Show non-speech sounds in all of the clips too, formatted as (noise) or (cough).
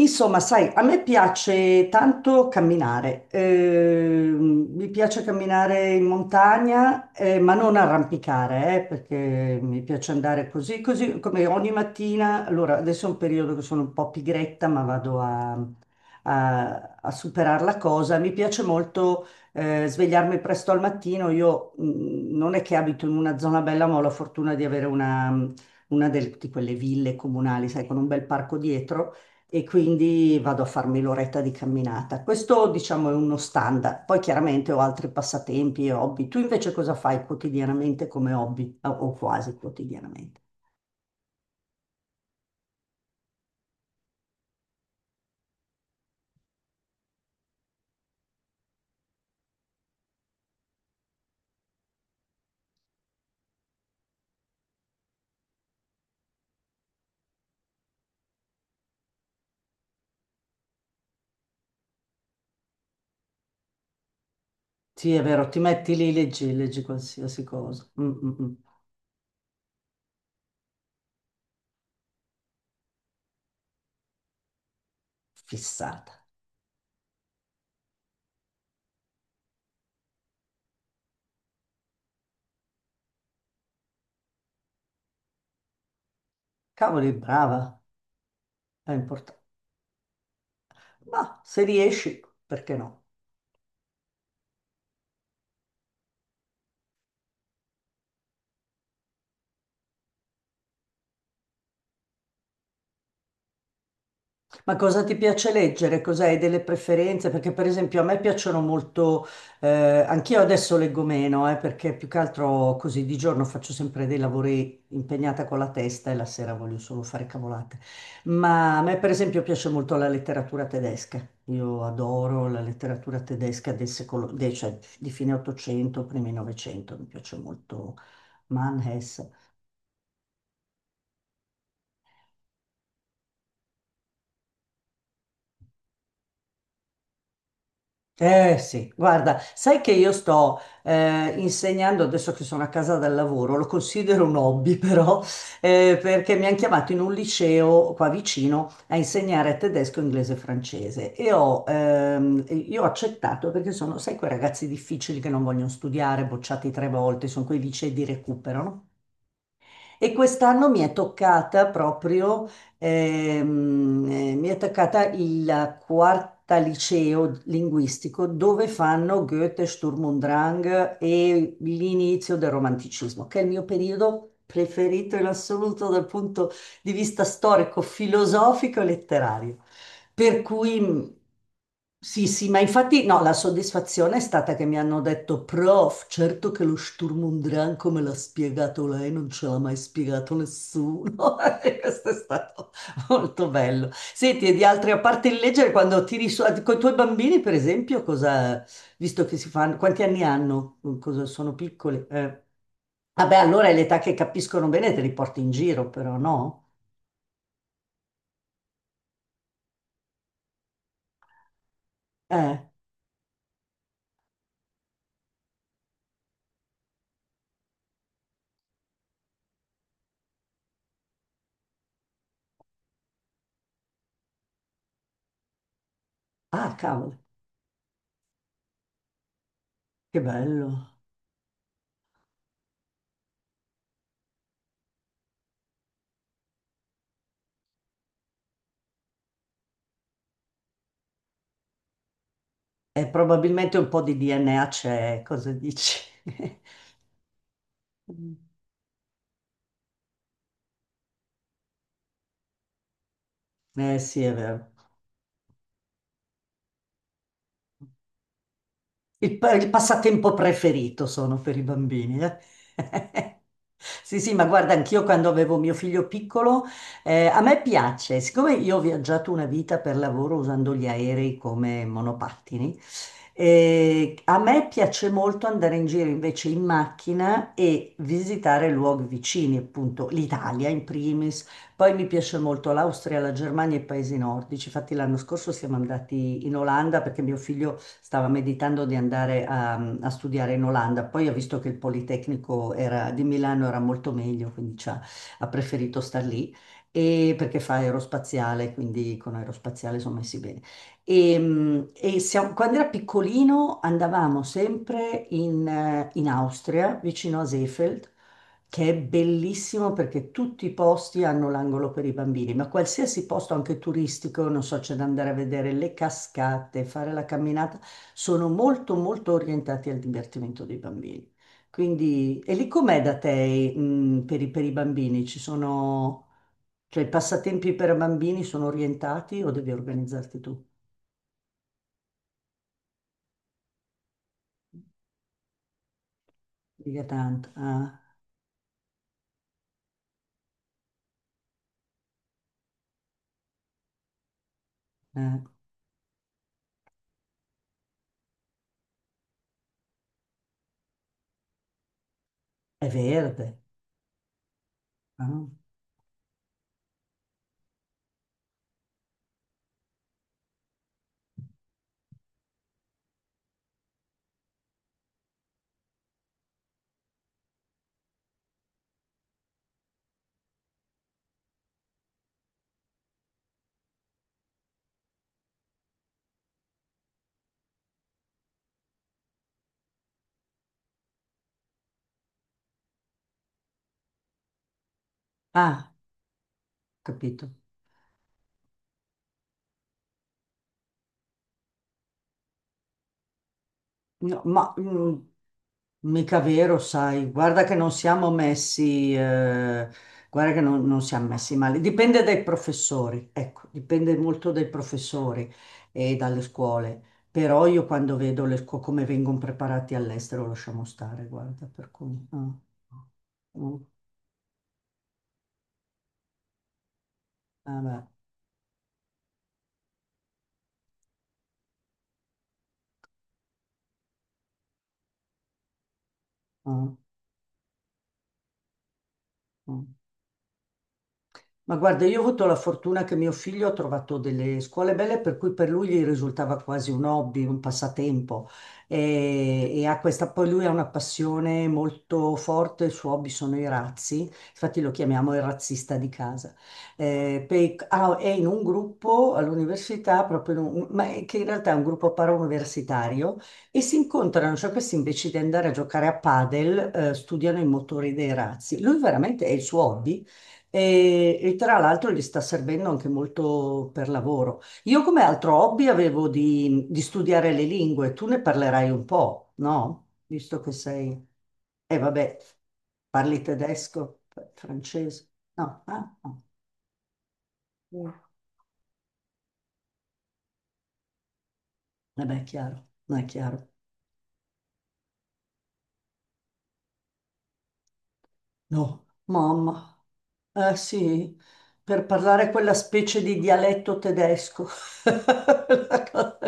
Insomma, sai, a me piace tanto camminare, mi piace camminare in montagna, ma non arrampicare, perché mi piace andare così come ogni mattina. Allora, adesso è un periodo che sono un po' pigretta, ma vado a superare la cosa. Mi piace molto, svegliarmi presto al mattino. Io, non è che abito in una zona bella, ma ho la fortuna di avere una di quelle ville comunali, sai, con un bel parco dietro. E quindi vado a farmi l'oretta di camminata. Questo, diciamo, è uno standard. Poi chiaramente ho altri passatempi e hobby. Tu invece cosa fai quotidianamente come hobby o quasi quotidianamente? Sì, è vero, ti metti lì, leggi, leggi qualsiasi cosa. Mm, mm, mm. Fissata. Cavoli, brava, è importante. Ma se riesci, perché no? Ma cosa ti piace leggere? Cos'hai delle preferenze? Perché per esempio a me piacciono molto, eh, anch'io adesso leggo meno, perché più che altro così di giorno faccio sempre dei lavori impegnata con la testa e la sera voglio solo fare cavolate. Ma a me per esempio piace molto la letteratura tedesca. Io adoro la letteratura tedesca del secolo, cioè di fine 800, primi 900, mi piace molto Mann, Hesse. Eh sì, guarda, sai che io sto insegnando adesso che sono a casa dal lavoro, lo considero un hobby (laughs) però, perché mi hanno chiamato in un liceo qua vicino a insegnare tedesco, inglese e francese e io ho accettato perché sono, sai, quei ragazzi difficili che non vogliono studiare, bocciati tre volte, sono quei licei di recupero, no? E quest'anno mi è toccata proprio, ehm, mi è toccata il quarta liceo linguistico dove fanno Goethe, Sturm und Drang e l'inizio del romanticismo, che è il mio periodo preferito in assoluto dal punto di vista storico, filosofico e letterario. Per cui sì, sì, ma infatti no, la soddisfazione è stata che mi hanno detto, prof, certo che lo Sturm und Drang come l'ha spiegato lei, non ce l'ha mai spiegato nessuno. (laughs) E questo è stato molto bello. Senti, e di altri, a parte il leggere, quando tiri su, con i tuoi bambini, per esempio, cosa, visto che si fanno, quanti anni hanno? Sono piccoli? Vabbè, allora è l'età che capiscono bene, te li porti in giro, però no? Eh. Ah, cavolo, che bello. E probabilmente un po' di DNA c'è, cosa dici? (laughs) Mm. Eh sì, è vero. Il passatempo preferito sono per i bambini. Eh. (laughs) Sì, sì, ma guarda, anch'io quando avevo mio figlio piccolo, a me piace, siccome io ho viaggiato una vita per lavoro usando gli aerei come monopattini, a me piace molto andare in giro invece in macchina e visitare luoghi vicini, appunto l'Italia in primis. Poi mi piace molto l'Austria, la Germania e i paesi nordici. Infatti l'anno scorso siamo andati in Olanda perché mio figlio stava meditando di andare a studiare in Olanda. Poi ha visto che il Politecnico di Milano era molto meglio, quindi ci ha ha preferito star lì e perché fa aerospaziale, quindi con aerospaziale sono messi bene. E quando era piccolino andavamo sempre in Austria, vicino a Seefeld, che è bellissimo perché tutti i posti hanno l'angolo per i bambini, ma qualsiasi posto, anche turistico, non so, c'è da andare a vedere le cascate, fare la camminata, sono molto, molto orientati al divertimento dei bambini. Quindi, e lì com'è da te, per i bambini? Ci sono, cioè, i passatempi per bambini sono orientati o devi organizzarti tu? Mica tanto. Ah, eh. È verde. Ah, ah, capito. No, ma mica vero, sai, guarda che non siamo messi, guarda che non siamo messi male, dipende dai professori, ecco, dipende molto dai professori e dalle scuole, però io quando vedo le scuole come vengono preparati all'estero lasciamo stare, guarda, per cui... ah, ah, ah, vabbè, ah, ah. Ma guarda, io ho avuto la fortuna che mio figlio ha trovato delle scuole belle per cui per lui gli risultava quasi un hobby, un passatempo e ha questa, poi lui ha una passione molto forte, il suo hobby sono i razzi, infatti lo chiamiamo il razzista di casa. Ah, è in un gruppo all'università, ma è che in realtà è un gruppo parauniversitario e si incontrano, cioè questi invece di andare a giocare a padel, studiano i motori dei razzi. Lui veramente è il suo hobby e tra l'altro gli sta servendo anche molto per lavoro. Io come altro hobby avevo di studiare le lingue, tu ne parlerai un po', no? Visto che sei... E vabbè, parli tedesco, francese. No, ah, no. Mm. Eh beh, è chiaro, non è chiaro. No, mamma. Eh sì, per parlare quella specie di dialetto tedesco. (laughs) La cosa-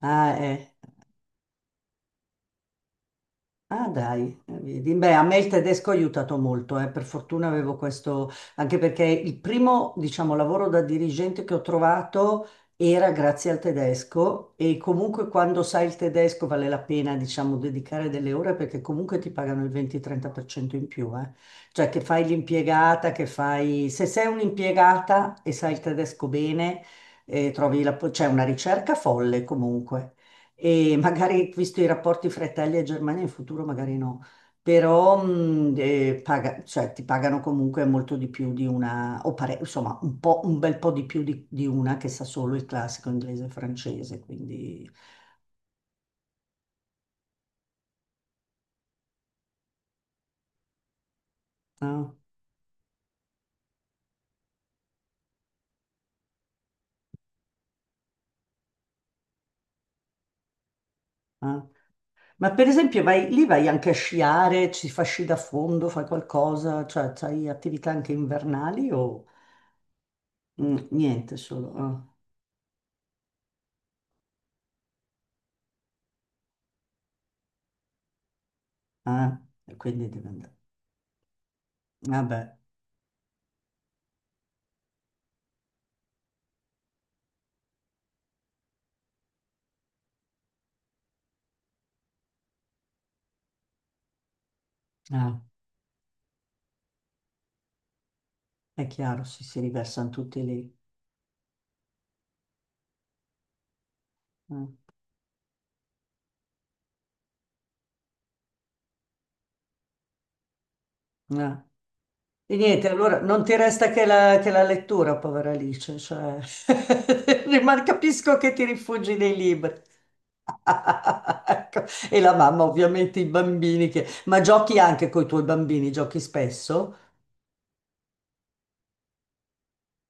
Ah, eh. Ah dai, vedi. Beh, a me il tedesco ha aiutato molto, eh. Per fortuna avevo questo, anche perché il primo, diciamo, lavoro da dirigente che ho trovato era grazie al tedesco e comunque quando sai il tedesco vale la pena, diciamo, dedicare delle ore perché comunque ti pagano il 20-30% in più, eh. Cioè che fai l'impiegata, che fai... Se sei un'impiegata e sai il tedesco bene, trovi la... c'è una ricerca folle comunque e magari visto i rapporti fra Italia e Germania in futuro magari no, però cioè, ti pagano comunque molto di più di una, insomma un po', un bel po' di più di una che sa solo il classico inglese e francese, quindi... no, no. Ma per esempio vai, lì vai anche a sciare, ci fa sci da fondo, fai qualcosa, cioè hai attività anche invernali o niente solo... ah, ah, e quindi deve andare. Vabbè. Ah. È chiaro, sì, si riversano tutti lì. Mm. Eh. E niente, allora non ti resta che la lettura, povera Alice, cioè... (laughs) ma capisco che ti rifugi nei libri. (laughs) Ecco. E la mamma, ovviamente, i bambini che... Ma giochi anche con i tuoi bambini, giochi spesso?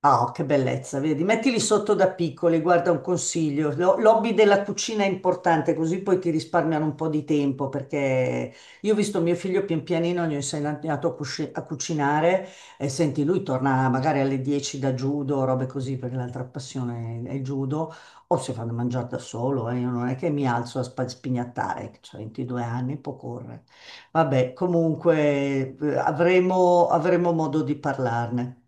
Ah, oh, che bellezza, vedi? Mettili sotto da piccoli, guarda un consiglio. L'hobby della cucina è importante, così poi ti risparmiano un po' di tempo, perché io ho visto mio figlio pian pianino, gli ho insegnato a cucinare e senti, lui torna magari alle 10 da judo, robe così, perché l'altra passione è il judo, o si fanno mangiare da solo. Io non è che mi alzo a spignattare, ho 22 anni, può correre. Vabbè, comunque avremo modo di parlarne.